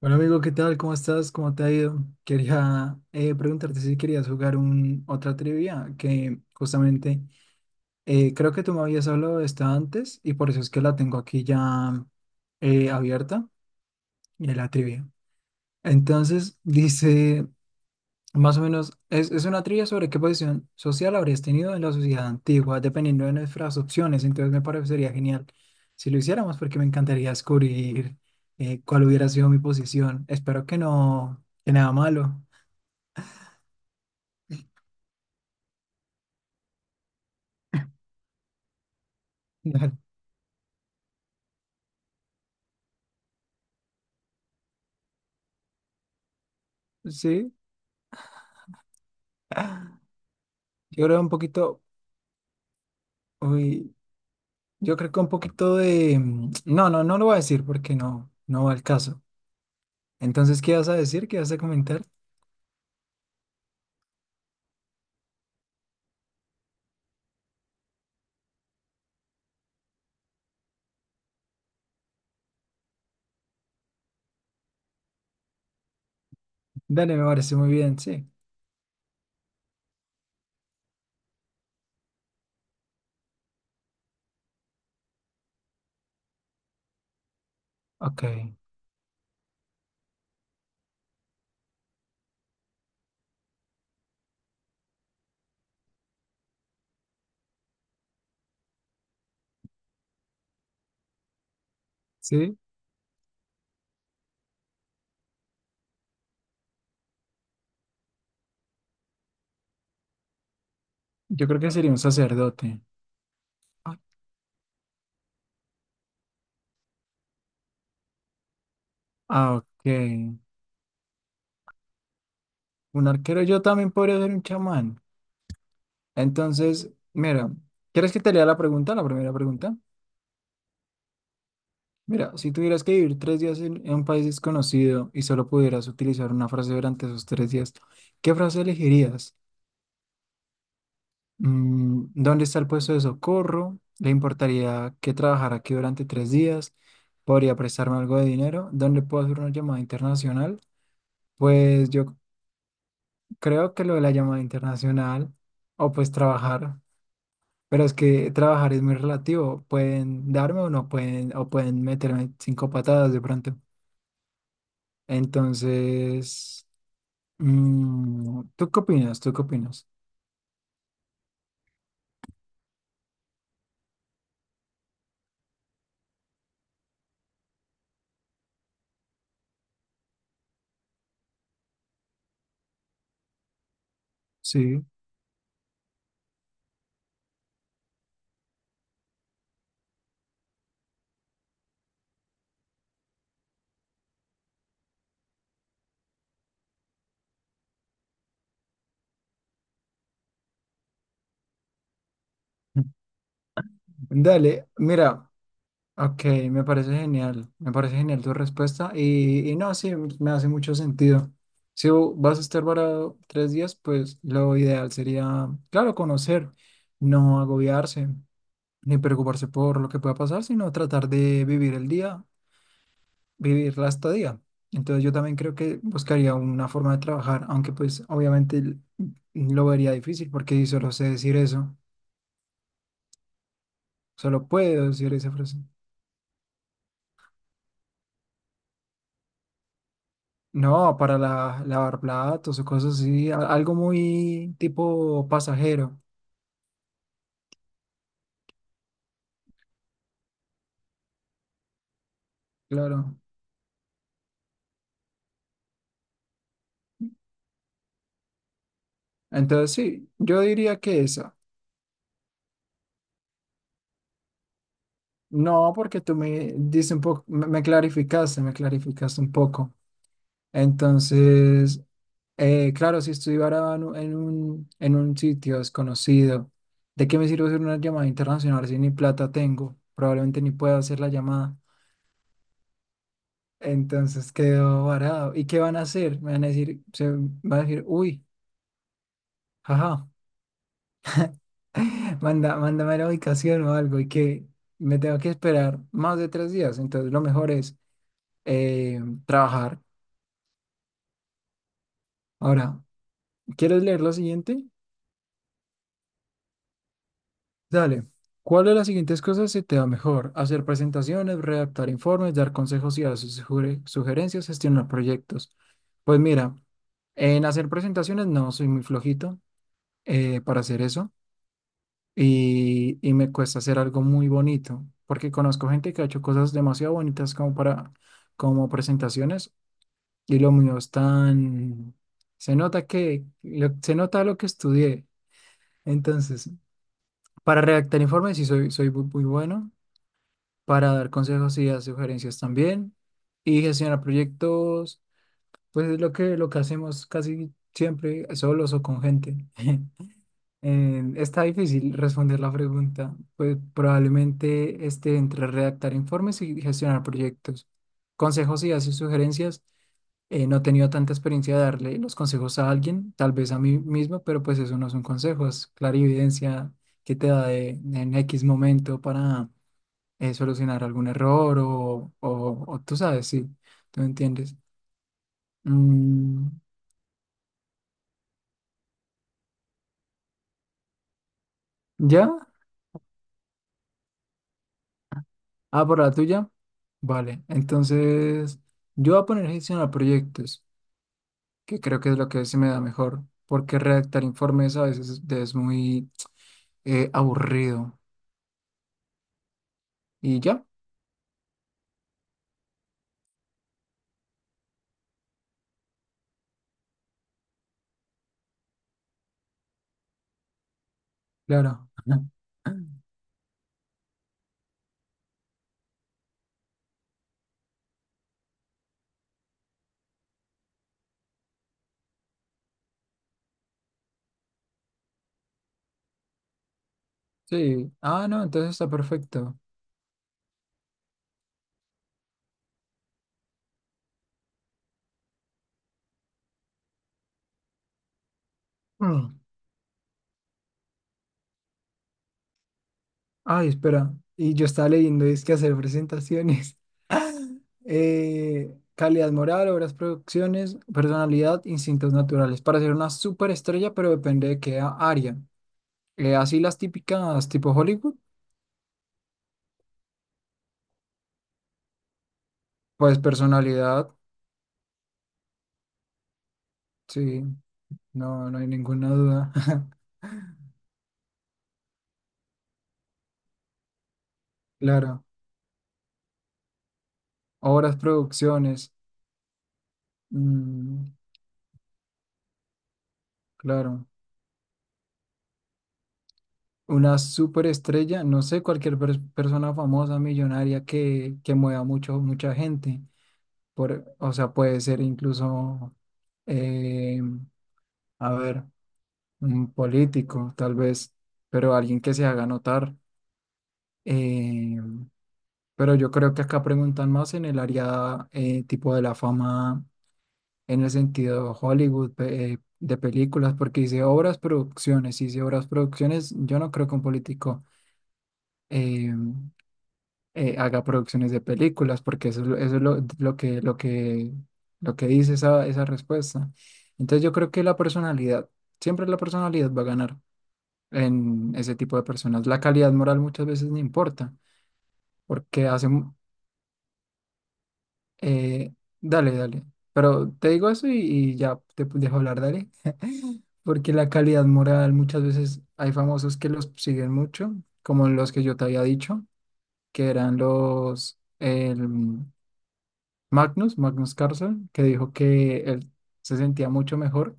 Bueno, amigo, ¿qué tal? ¿Cómo estás? ¿Cómo te ha ido? Quería preguntarte si querías jugar otra trivia, que justamente creo que tú me habías hablado de esta antes y por eso es que la tengo aquí ya abierta, y la trivia. Entonces, dice, más o menos, es una trivia sobre qué posición social habrías tenido en la sociedad antigua, dependiendo de nuestras opciones. Entonces me parecería genial si lo hiciéramos, porque me encantaría descubrir cuál hubiera sido mi posición. Espero que no, que nada malo. Sí, yo creo un poquito, uy, yo creo que un poquito de... No, no, no lo voy a decir porque no, no va al caso. Entonces, ¿qué vas a decir? ¿Qué vas a comentar? Dale, me parece muy bien, sí. Ok, sí, yo creo que sería un sacerdote. Ah, ok. Un arquero, yo también podría ser un chamán. Entonces, mira, ¿quieres que te lea la pregunta, la primera pregunta? Mira, si tuvieras que vivir tres días en un país desconocido y solo pudieras utilizar una frase durante esos tres días, ¿qué frase elegirías? ¿Dónde está el puesto de socorro? ¿Le importaría que trabajara aquí durante tres días? ¿Podría prestarme algo de dinero? ¿Dónde puedo hacer una llamada internacional? Pues yo creo que lo de la llamada internacional o pues trabajar. Pero es que trabajar es muy relativo. Pueden darme o no pueden, o pueden meterme cinco patadas de pronto. Entonces, ¿tú qué opinas? ¿Tú qué opinas? Sí. Dale, mira, ok, me parece genial. Me parece genial tu respuesta. Y no, sí, me hace mucho sentido. Si vas a estar varado tres días, pues lo ideal sería, claro, conocer, no agobiarse, ni preocuparse por lo que pueda pasar, sino tratar de vivir el día vivirla hasta día. Entonces yo también creo que buscaría una forma de trabajar, aunque pues obviamente lo vería difícil porque si solo sé decir eso, solo puedo decir esa frase. No, para lavar platos o cosas así, algo muy tipo pasajero, claro. Entonces sí, yo diría que esa. No, porque tú me dices un poco, me clarificaste un poco. Entonces, claro, si estoy varado en un, en un sitio desconocido, ¿de qué me sirve hacer una llamada internacional si ni plata tengo? Probablemente ni pueda hacer la llamada. Entonces quedo varado. ¿Y qué van a hacer? Me van a decir, se van a decir, uy, jaja, manda, mándame la ubicación o algo y que me tengo que esperar más de tres días. Entonces, lo mejor es eh, trabajar. Ahora, ¿quieres leer lo siguiente? Dale. ¿Cuál de las siguientes cosas se te da mejor? Hacer presentaciones, redactar informes, dar consejos y dar sugerencias, gestionar proyectos. Pues mira, en hacer presentaciones no soy muy flojito para hacer eso y me cuesta hacer algo muy bonito porque conozco gente que ha hecho cosas demasiado bonitas como para como presentaciones y lo mío es tan se nota se nota lo que estudié. Entonces, para redactar informes sí soy muy bueno para dar consejos y dar sugerencias también. Y gestionar proyectos, pues es lo que hacemos casi siempre solos o con gente. Está difícil responder la pregunta, pues probablemente esté entre redactar informes y gestionar proyectos. Consejos y así sugerencias. No he tenido tanta experiencia de darle los consejos a alguien, tal vez a mí mismo, pero pues eso no son consejos, clarividencia que te da en X momento para solucionar algún error o tú sabes, sí, tú me entiendes. Mm, ¿Ya? Ah, por la tuya. Vale, entonces yo voy a poner gestionar proyectos, que creo que es lo que se me da mejor, porque redactar informes a veces es muy aburrido. Y ya, claro. Sí, ah, no, entonces está perfecto. Mm. Ay, espera, y yo estaba leyendo, es que hacer presentaciones. Calidad moral, obras, producciones, personalidad, instintos naturales. Para ser una superestrella, pero depende de qué área. Así las típicas tipo Hollywood, pues personalidad, sí, no, no hay ninguna duda. Claro. Obras, producciones, mm, claro. Una superestrella, no sé, cualquier persona famosa, millonaria que mueva mucho, mucha gente. Por, o sea, puede ser incluso, eh, a ver. Un político, tal vez, pero alguien que se haga notar. Eh, pero yo creo que acá preguntan más en el área tipo de la fama, en el sentido Hollywood, de películas, porque dice obras, producciones, y dice obras, producciones, yo no creo que un político eh, haga producciones de películas, porque eso, eso es lo que dice esa respuesta. Entonces yo creo que la personalidad, siempre la personalidad va a ganar en ese tipo de personas. La calidad moral muchas veces no importa, porque hacen... eh, dale, dale. Pero te digo eso y ya te dejo hablar, dale. Porque la calidad moral muchas veces hay famosos que los siguen mucho, como los que yo te había dicho, que eran los... El, Magnus, Magnus Carlsen, que dijo que él se sentía mucho mejor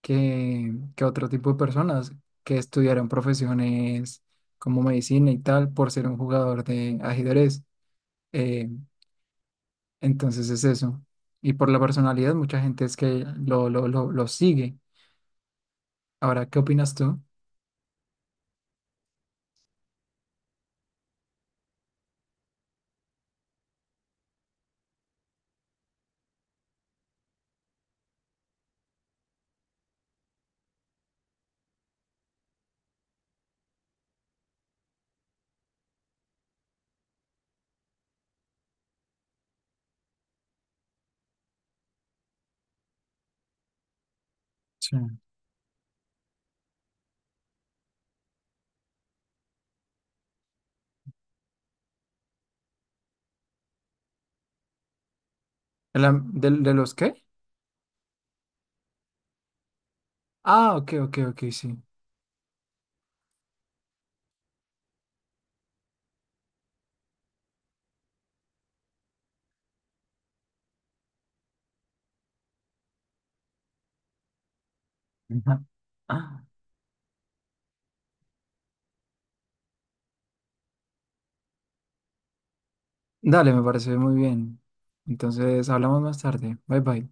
que otro tipo de personas que estudiaron profesiones como medicina y tal por ser un jugador de ajedrez. Eh, entonces es eso. Y por la personalidad, mucha gente es que lo sigue. Ahora, ¿qué opinas tú? Sí. ¿De, de los qué? Ah, ok, ok, ok, sí. Dale, me parece muy bien. Entonces, hablamos más tarde. Bye bye.